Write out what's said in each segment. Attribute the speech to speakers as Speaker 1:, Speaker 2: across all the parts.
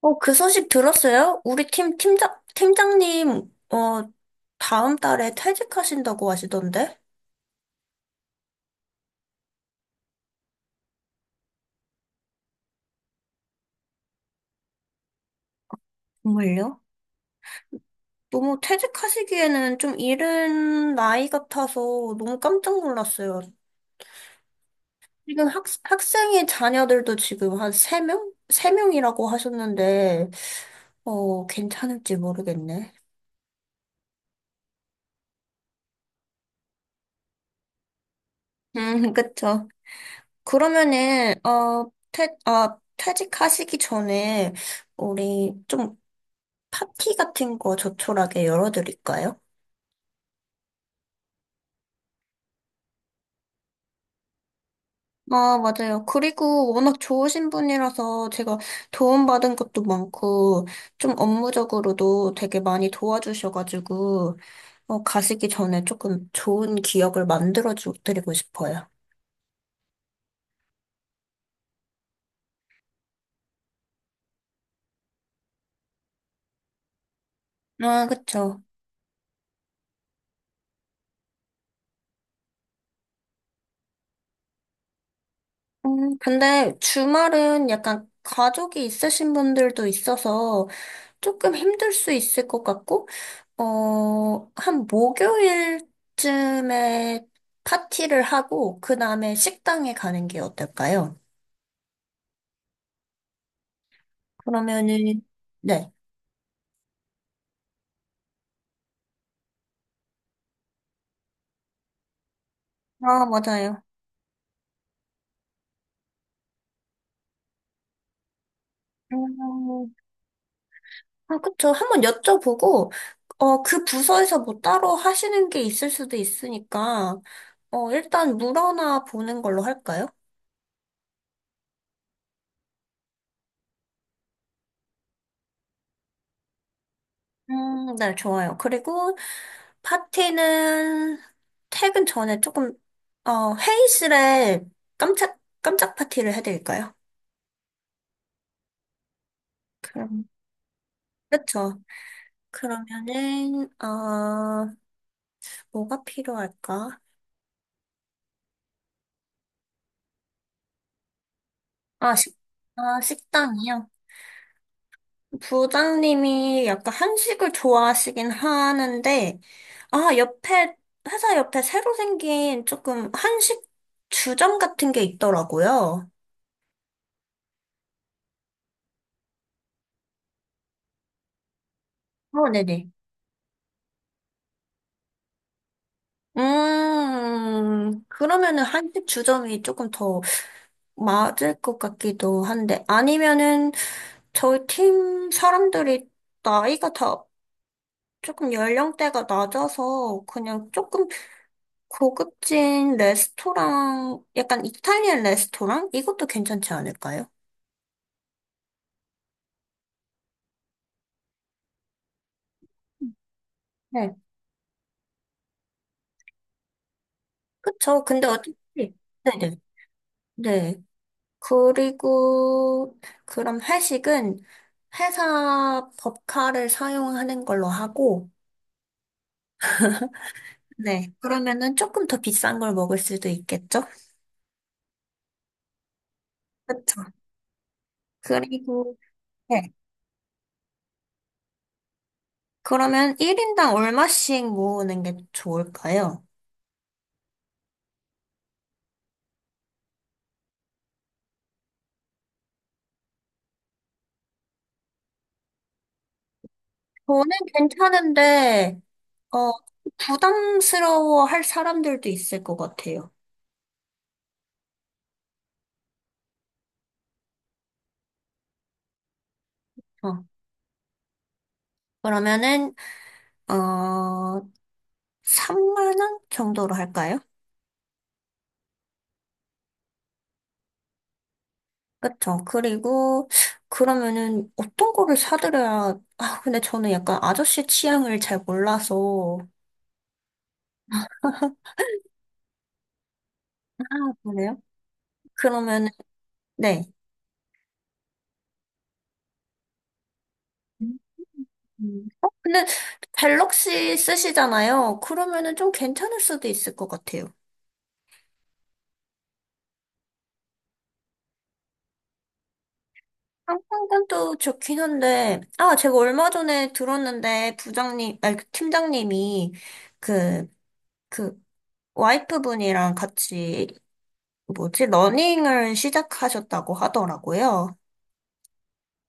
Speaker 1: 그 소식 들었어요? 우리 팀 팀장님, 다음 달에 퇴직하신다고 하시던데? 정말요? 너무 퇴직하시기에는 좀 이른 나이 같아서 너무 깜짝 놀랐어요. 지금 학생의 자녀들도 지금 한 세명세명이라고 하셨는데, 괜찮을지 모르겠네. 음, 그쵸. 그러면은, 퇴직하시기 전에, 우리 좀 파티 같은 거 조촐하게 열어드릴까요? 아, 맞아요. 그리고 워낙 좋으신 분이라서 제가 도움받은 것도 많고, 좀 업무적으로도 되게 많이 도와주셔가지고, 가시기 전에 조금 좋은 기억을 만들어드리고 싶어요. 아, 그쵸. 근데 주말은 약간 가족이 있으신 분들도 있어서 조금 힘들 수 있을 것 같고, 한 목요일쯤에 파티를 하고, 그 다음에 식당에 가는 게 어떨까요? 그러면은, 네. 아, 맞아요. 음, 아, 그쵸. 한번 여쭤보고, 그 부서에서 뭐 따로 하시는 게 있을 수도 있으니까, 일단 물어나 보는 걸로 할까요? 네, 좋아요. 그리고 파티는 퇴근 전에 조금, 회의실에 깜짝 파티를 해드릴까요? 그럼, 그쵸. 그러면은, 뭐가 필요할까? 아, 식당이요. 부장님이 약간 한식을 좋아하시긴 하는데, 아, 옆에, 회사 옆에 새로 생긴 조금 한식 주점 같은 게 있더라고요. 네네. 그러면은 한식 주점이 조금 더 맞을 것 같기도 한데, 아니면은 저희 팀 사람들이 나이가 다 조금 연령대가 낮아서 그냥 조금 고급진 레스토랑, 약간 이탈리안 레스토랑? 이것도 괜찮지 않을까요? 네. 그쵸. 근데 어차피, 네네. 네. 그리고, 그럼 회식은 회사 법카를 사용하는 걸로 하고, 네. 그러면은 조금 더 비싼 걸 먹을 수도 있겠죠? 그쵸. 그리고, 네. 그러면 1인당 얼마씩 모으는 게 좋을까요? 저는 괜찮은데, 어, 부담스러워 할 사람들도 있을 것 같아요. 어, 그러면은, 어, 3만 원 정도로 할까요? 그쵸. 그리고, 그러면은, 어떤 거를 사드려야, 근데 저는 약간 아저씨 취향을 잘 몰라서. 아, 그래요? 그러면은, 네. 음. 근데 갤럭시 쓰시잖아요. 그러면은 좀 괜찮을 수도 있을 것 같아요. 상품권도 좋긴 한데, 아, 제가 얼마 전에 들었는데, 부장님, 아니, 그 팀장님이 그, 그, 와이프분이랑 같이, 뭐지, 러닝을 시작하셨다고 하더라고요.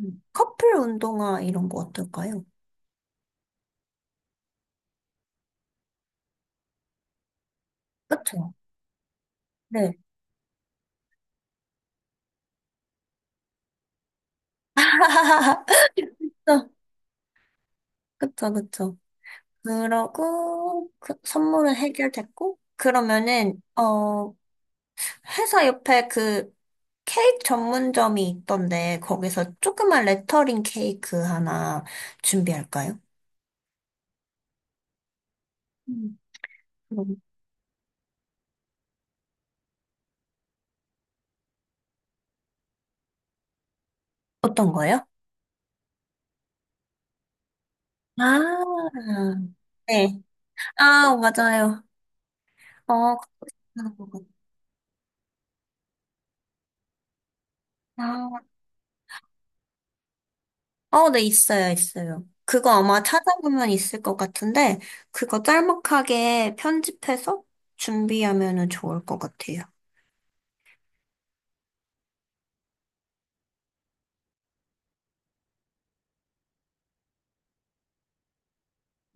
Speaker 1: 커플 운동화 이런 거 어떨까요? 그쵸? 네. 그쵸, 그쵸, 그쵸. 그러고, 그 선물은 해결됐고, 그러면은, 회사 옆에 그 케이크 전문점이 있던데, 거기서 조그만 레터링 케이크 하나 준비할까요? 음, 그럼. 어떤 거요? 아, 네. 아, 맞아요. 어, 그런 거 같아요. 아, 네, 있어요, 있어요. 그거 아마 찾아보면 있을 것 같은데, 그거 짤막하게 편집해서 준비하면은 좋을 것 같아요.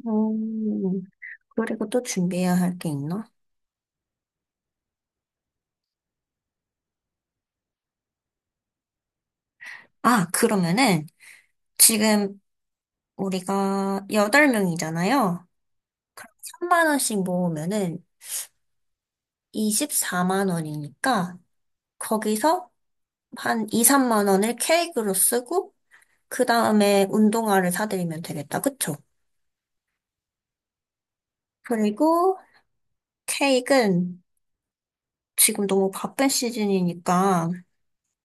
Speaker 1: 음, 그리고 또 준비해야 할 게 있나? 아, 그러면은 지금 우리가 8명이잖아요. 그럼 3만 원씩 모으면은 24만 원이니까 거기서 한 2, 3만 원을 케이크로 쓰고 그 다음에 운동화를 사드리면 되겠다. 그쵸? 그리고 케이크는 지금 너무 바쁜 시즌이니까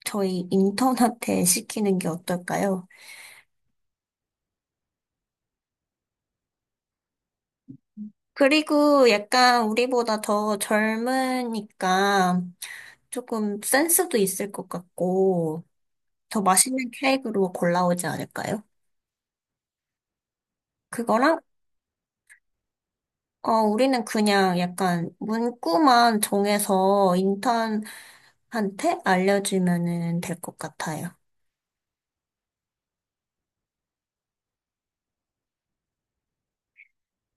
Speaker 1: 저희 인턴한테 시키는 게 어떨까요? 그리고 약간 우리보다 더 젊으니까 조금 센스도 있을 것 같고 더 맛있는 케이크로 골라오지 않을까요? 그거랑 우리는 그냥 약간 문구만 정해서 인턴한테 알려주면은 될 것 같아요.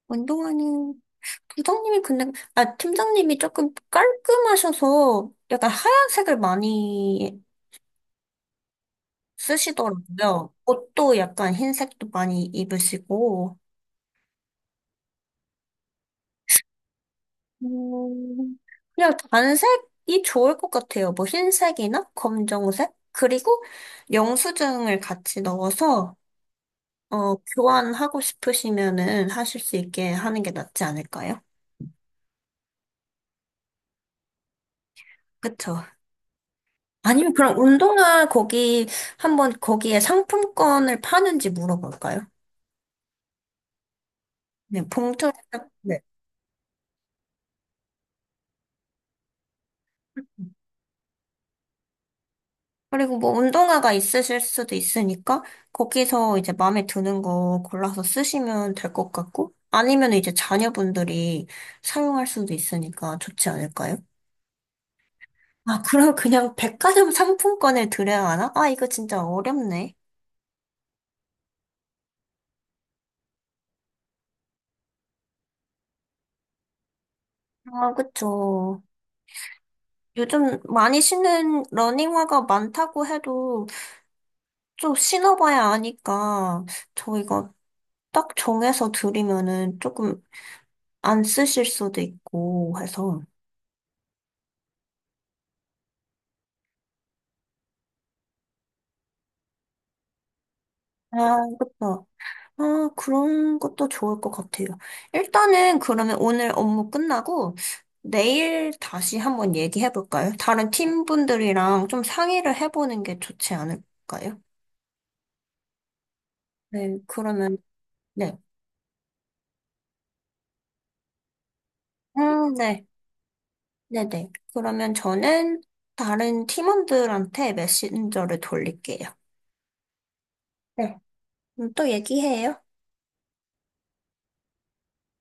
Speaker 1: 운동화는 부장님이 근데 아 팀장님이 조금 깔끔하셔서 약간 하얀색을 많이 쓰시더라고요. 옷도 약간 흰색도 많이 입으시고, 음, 그냥 단색이 좋을 것 같아요. 뭐 흰색이나 검정색? 그리고 영수증을 같이 넣어서, 교환하고 싶으시면은 하실 수 있게 하는 게 낫지 않을까요? 그쵸. 아니면 그럼 운동화 거기, 한번 거기에 상품권을 파는지 물어볼까요? 네, 봉투, 네. 그리고 뭐 운동화가 있으실 수도 있으니까 거기서 이제 마음에 드는 거 골라서 쓰시면 될 것 같고 아니면 이제 자녀분들이 사용할 수도 있으니까 좋지 않을까요? 아, 그럼 그냥 백화점 상품권을 드려야 하나? 아, 이거 진짜 어렵네. 아, 그쵸. 요즘 많이 신는 러닝화가 많다고 해도 좀 신어봐야 아니까 저 이거 딱 정해서 드리면은 조금 안 쓰실 수도 있고 해서. 아, 그쵸. 아, 그런 것도 좋을 것 같아요. 일단은 그러면 오늘 업무 끝나고 내일 다시 한번 얘기해 볼까요? 다른 팀분들이랑 좀 상의를 해보는 게 좋지 않을까요? 네, 그러면, 네. 네. 네네. 그러면 저는 다른 팀원들한테 메신저를 돌릴게요. 네. 그럼 또 얘기해요.